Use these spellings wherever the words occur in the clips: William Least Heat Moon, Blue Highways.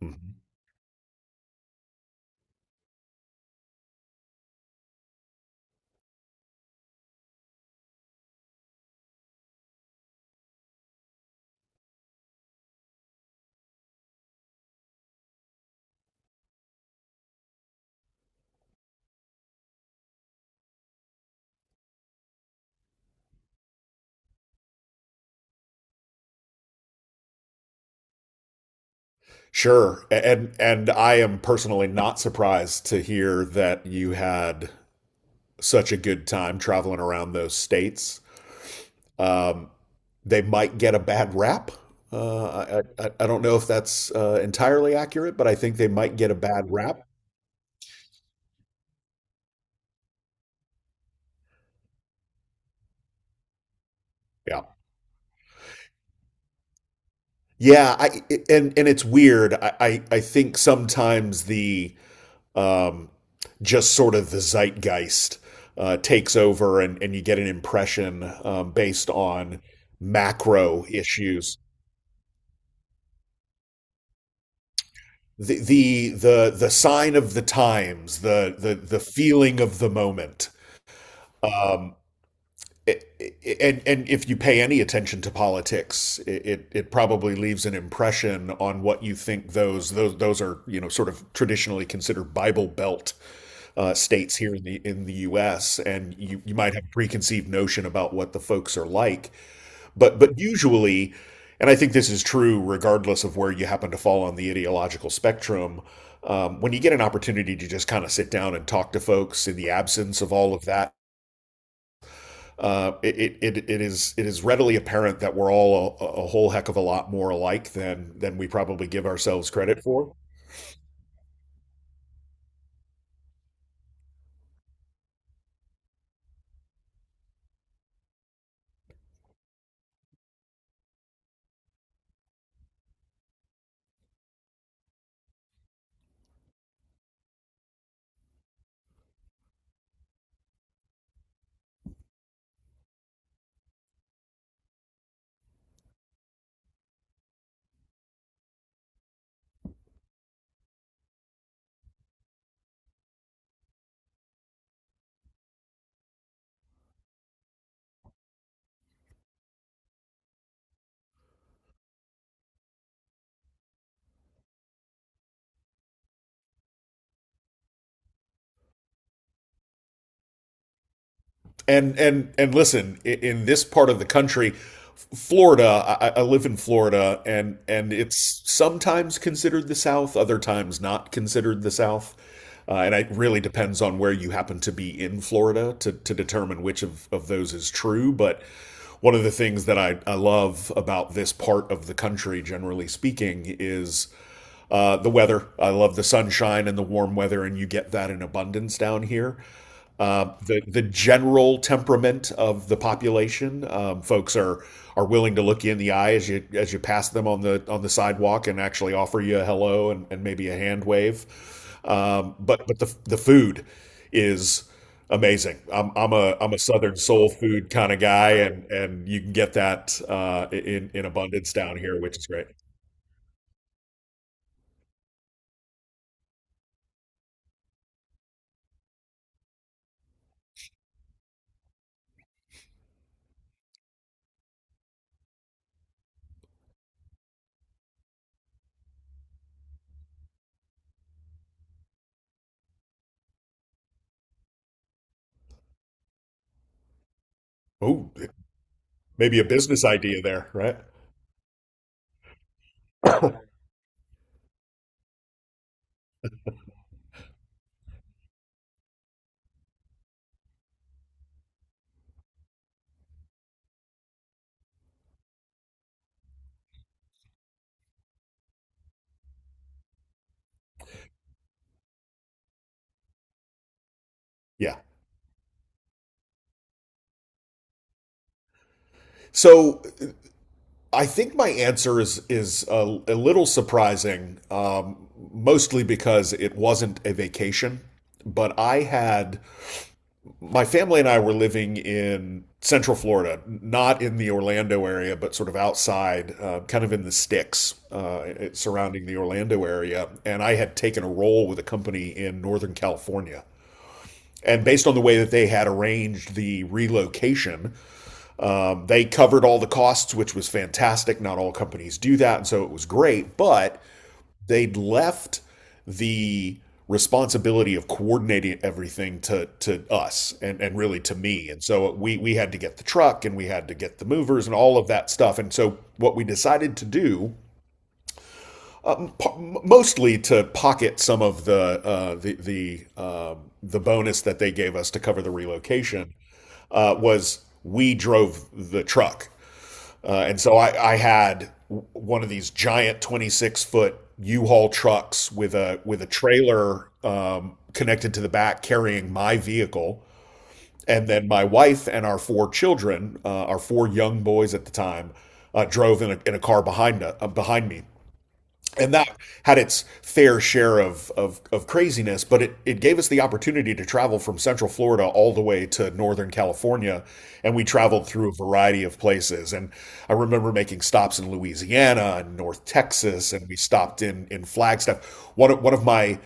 Mhm. Sure. And I am personally not surprised to hear that you had such a good time traveling around those states. Um, they might get a bad rap. I don't know if that's entirely accurate, but I think they might get a bad rap. Yeah. Yeah, I and it's weird. I think sometimes the um, just sort of the zeitgeist takes over, and you get an impression based on macro issues. The sign of the times, the feeling of the moment, and if you pay any attention to politics, it probably leaves an impression on what you think those are, you know, sort of traditionally considered Bible Belt states here in the U.S. And you might have a preconceived notion about what the folks are like, but usually, and I think this is true regardless of where you happen to fall on the ideological spectrum. When you get an opportunity to just kind of sit down and talk to folks in the absence of all of that it is readily apparent that we're all a whole heck of a lot more alike than we probably give ourselves credit for. And listen, in this part of the country, Florida, I live in Florida, and it's sometimes considered the South, other times not considered the South. And it really depends on where you happen to be in Florida to determine which of those is true. But one of the things that I love about this part of the country, generally speaking, is the weather. I love the sunshine and the warm weather, and you get that in abundance down here. The general temperament of the population, folks are willing to look you in the eye as you pass them on the sidewalk and actually offer you a hello and maybe a hand wave. But the food is amazing. I'm a Southern soul food kind of guy, and you can get that in abundance down here, which is great. Oh, maybe a business idea there, right? Yeah. So I think my answer is a little surprising, mostly because it wasn't a vacation. But I had my family and I were living in Central Florida, not in the Orlando area, but sort of outside, kind of in the sticks surrounding the Orlando area. And I had taken a role with a company in Northern California. And based on the way that they had arranged the relocation, they covered all the costs, which was fantastic. Not all companies do that, and so it was great. But they'd left the responsibility of coordinating everything to us and really to me. And so we had to get the truck and we had to get the movers and all of that stuff. And so what we decided to do, mostly to pocket some of the the bonus that they gave us to cover the relocation, was we drove the truck and so I had one of these giant 26-foot foot U-Haul trucks with a trailer connected to the back carrying my vehicle, and then my wife and our four children, our four young boys at the time, drove in in a car behind behind me and that had its fair share of craziness, but it gave us the opportunity to travel from Central Florida all the way to Northern California. And we traveled through a variety of places. And I remember making stops in Louisiana and North Texas, and we stopped in Flagstaff. One of my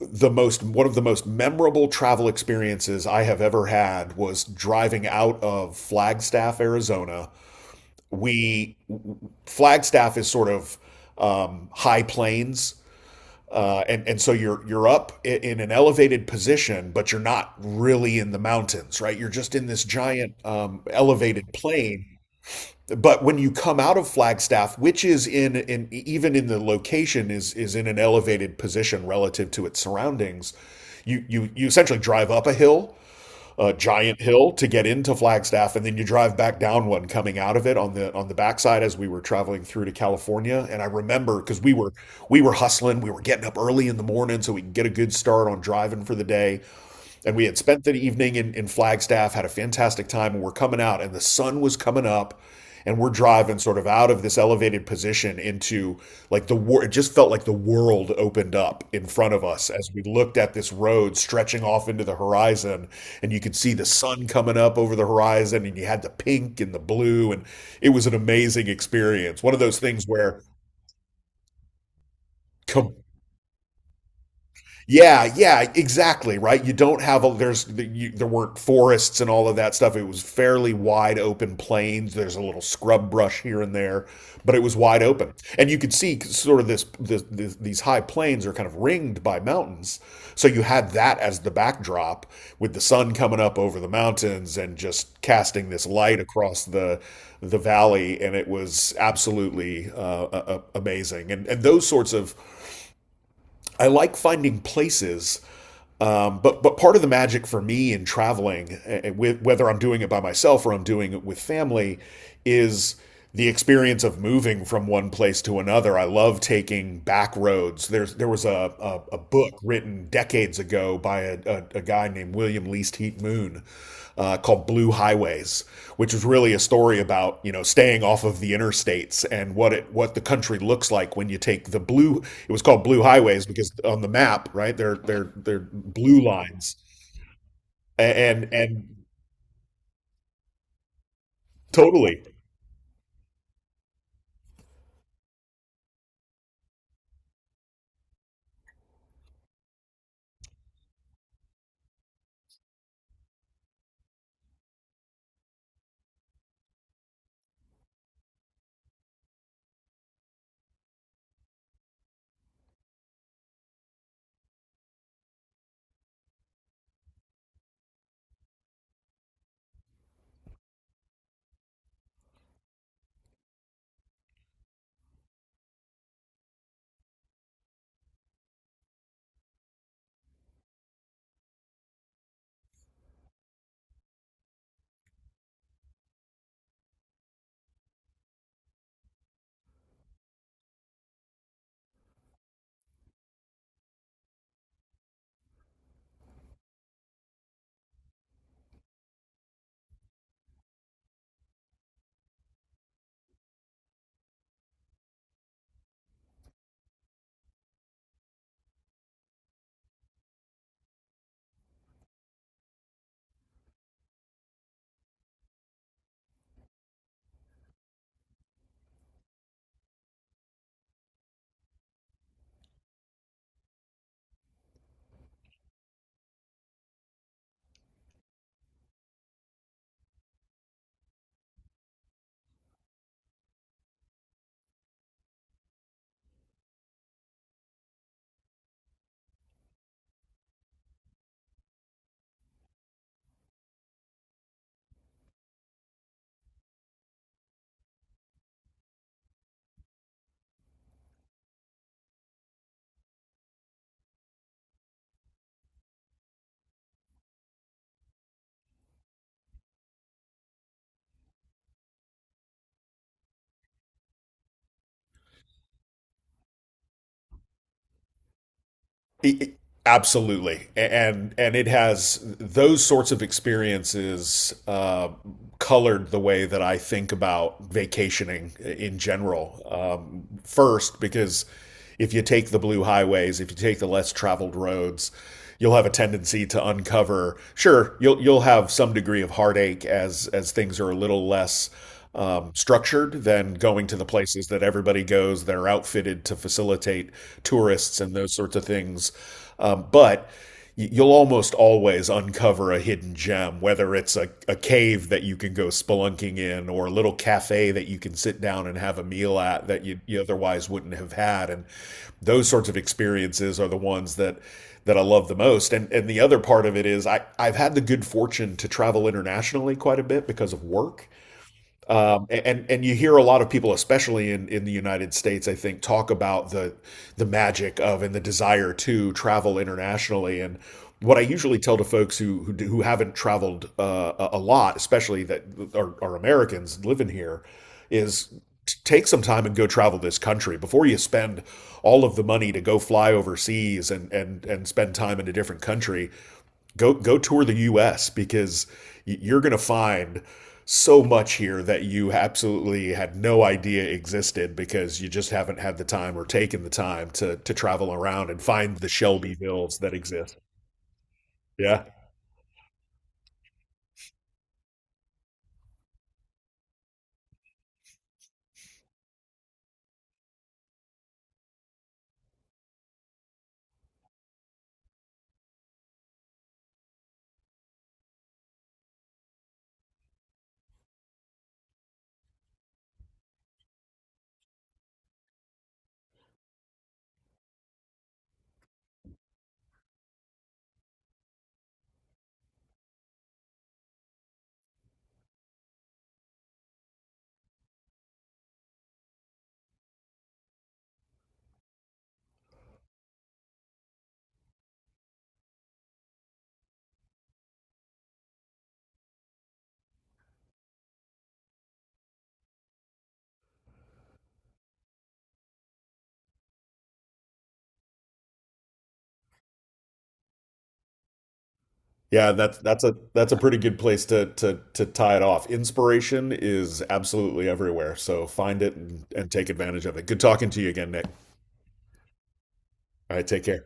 the most one of the most memorable travel experiences I have ever had was driving out of Flagstaff, Arizona. We Flagstaff is sort of high plains, and so you're up in an elevated position, but you're not really in the mountains, right? You're just in this giant elevated plain. But when you come out of Flagstaff, which is in even in the location is in an elevated position relative to its surroundings, you essentially drive up a hill, a giant hill to get into Flagstaff, and then you drive back down one coming out of it on the backside as we were traveling through to California. And I remember because we were hustling, we were getting up early in the morning so we could get a good start on driving for the day. And we had spent the evening in Flagstaff, had a fantastic time, and we're coming out, and the sun was coming up, and we're driving sort of out of this elevated position into like the war. It just felt like the world opened up in front of us as we looked at this road stretching off into the horizon, and you could see the sun coming up over the horizon, and you had the pink and the blue, and it was an amazing experience. One of those things where com- yeah, exactly, right? You don't have a there's you, There weren't forests and all of that stuff. It was fairly wide open plains. There's a little scrub brush here and there, but it was wide open. And you could see sort of this, this, this these high plains are kind of ringed by mountains. So you had that as the backdrop with the sun coming up over the mountains and just casting this light across the valley, and it was absolutely amazing. And those sorts of I like finding places, but part of the magic for me in traveling, with, whether I'm doing it by myself or I'm doing it with family, is the experience of moving from one place to another. I love taking back roads. There was a book written decades ago by a guy named William Least Heat Moon, called Blue Highways, which was really a story about, you know, staying off of the interstates and what it what the country looks like when you take the blue. It was called Blue Highways because on the map, right, they're blue lines, and totally it, absolutely, and it has those sorts of experiences colored the way that I think about vacationing in general. First, because if you take the blue highways, if you take the less traveled roads, you'll have a tendency to uncover. Sure, you'll have some degree of heartache as things are a little less structured than going to the places that everybody goes. They're outfitted to facilitate tourists and those sorts of things. But you'll almost always uncover a hidden gem, whether it's a cave that you can go spelunking in or a little cafe that you can sit down and have a meal at that you otherwise wouldn't have had. And those sorts of experiences are the ones that I love the most. And the other part of it is I I've had the good fortune to travel internationally quite a bit because of work. And you hear a lot of people, especially in the United States, I think, talk about the magic of and the desire to travel internationally. And what I usually tell to folks who haven't traveled a lot, especially that are Americans living here, is take some time and go travel this country before you spend all of the money to go fly overseas and spend time in a different country. Go go tour the U.S. because you're gonna find so much here that you absolutely had no idea existed because you just haven't had the time or taken the time to travel around and find the Shelbyvilles that exist. Yeah. Yeah, that's that's a pretty good place to tie it off. Inspiration is absolutely everywhere, so find it and take advantage of it. Good talking to you again, Nick. All right, take care.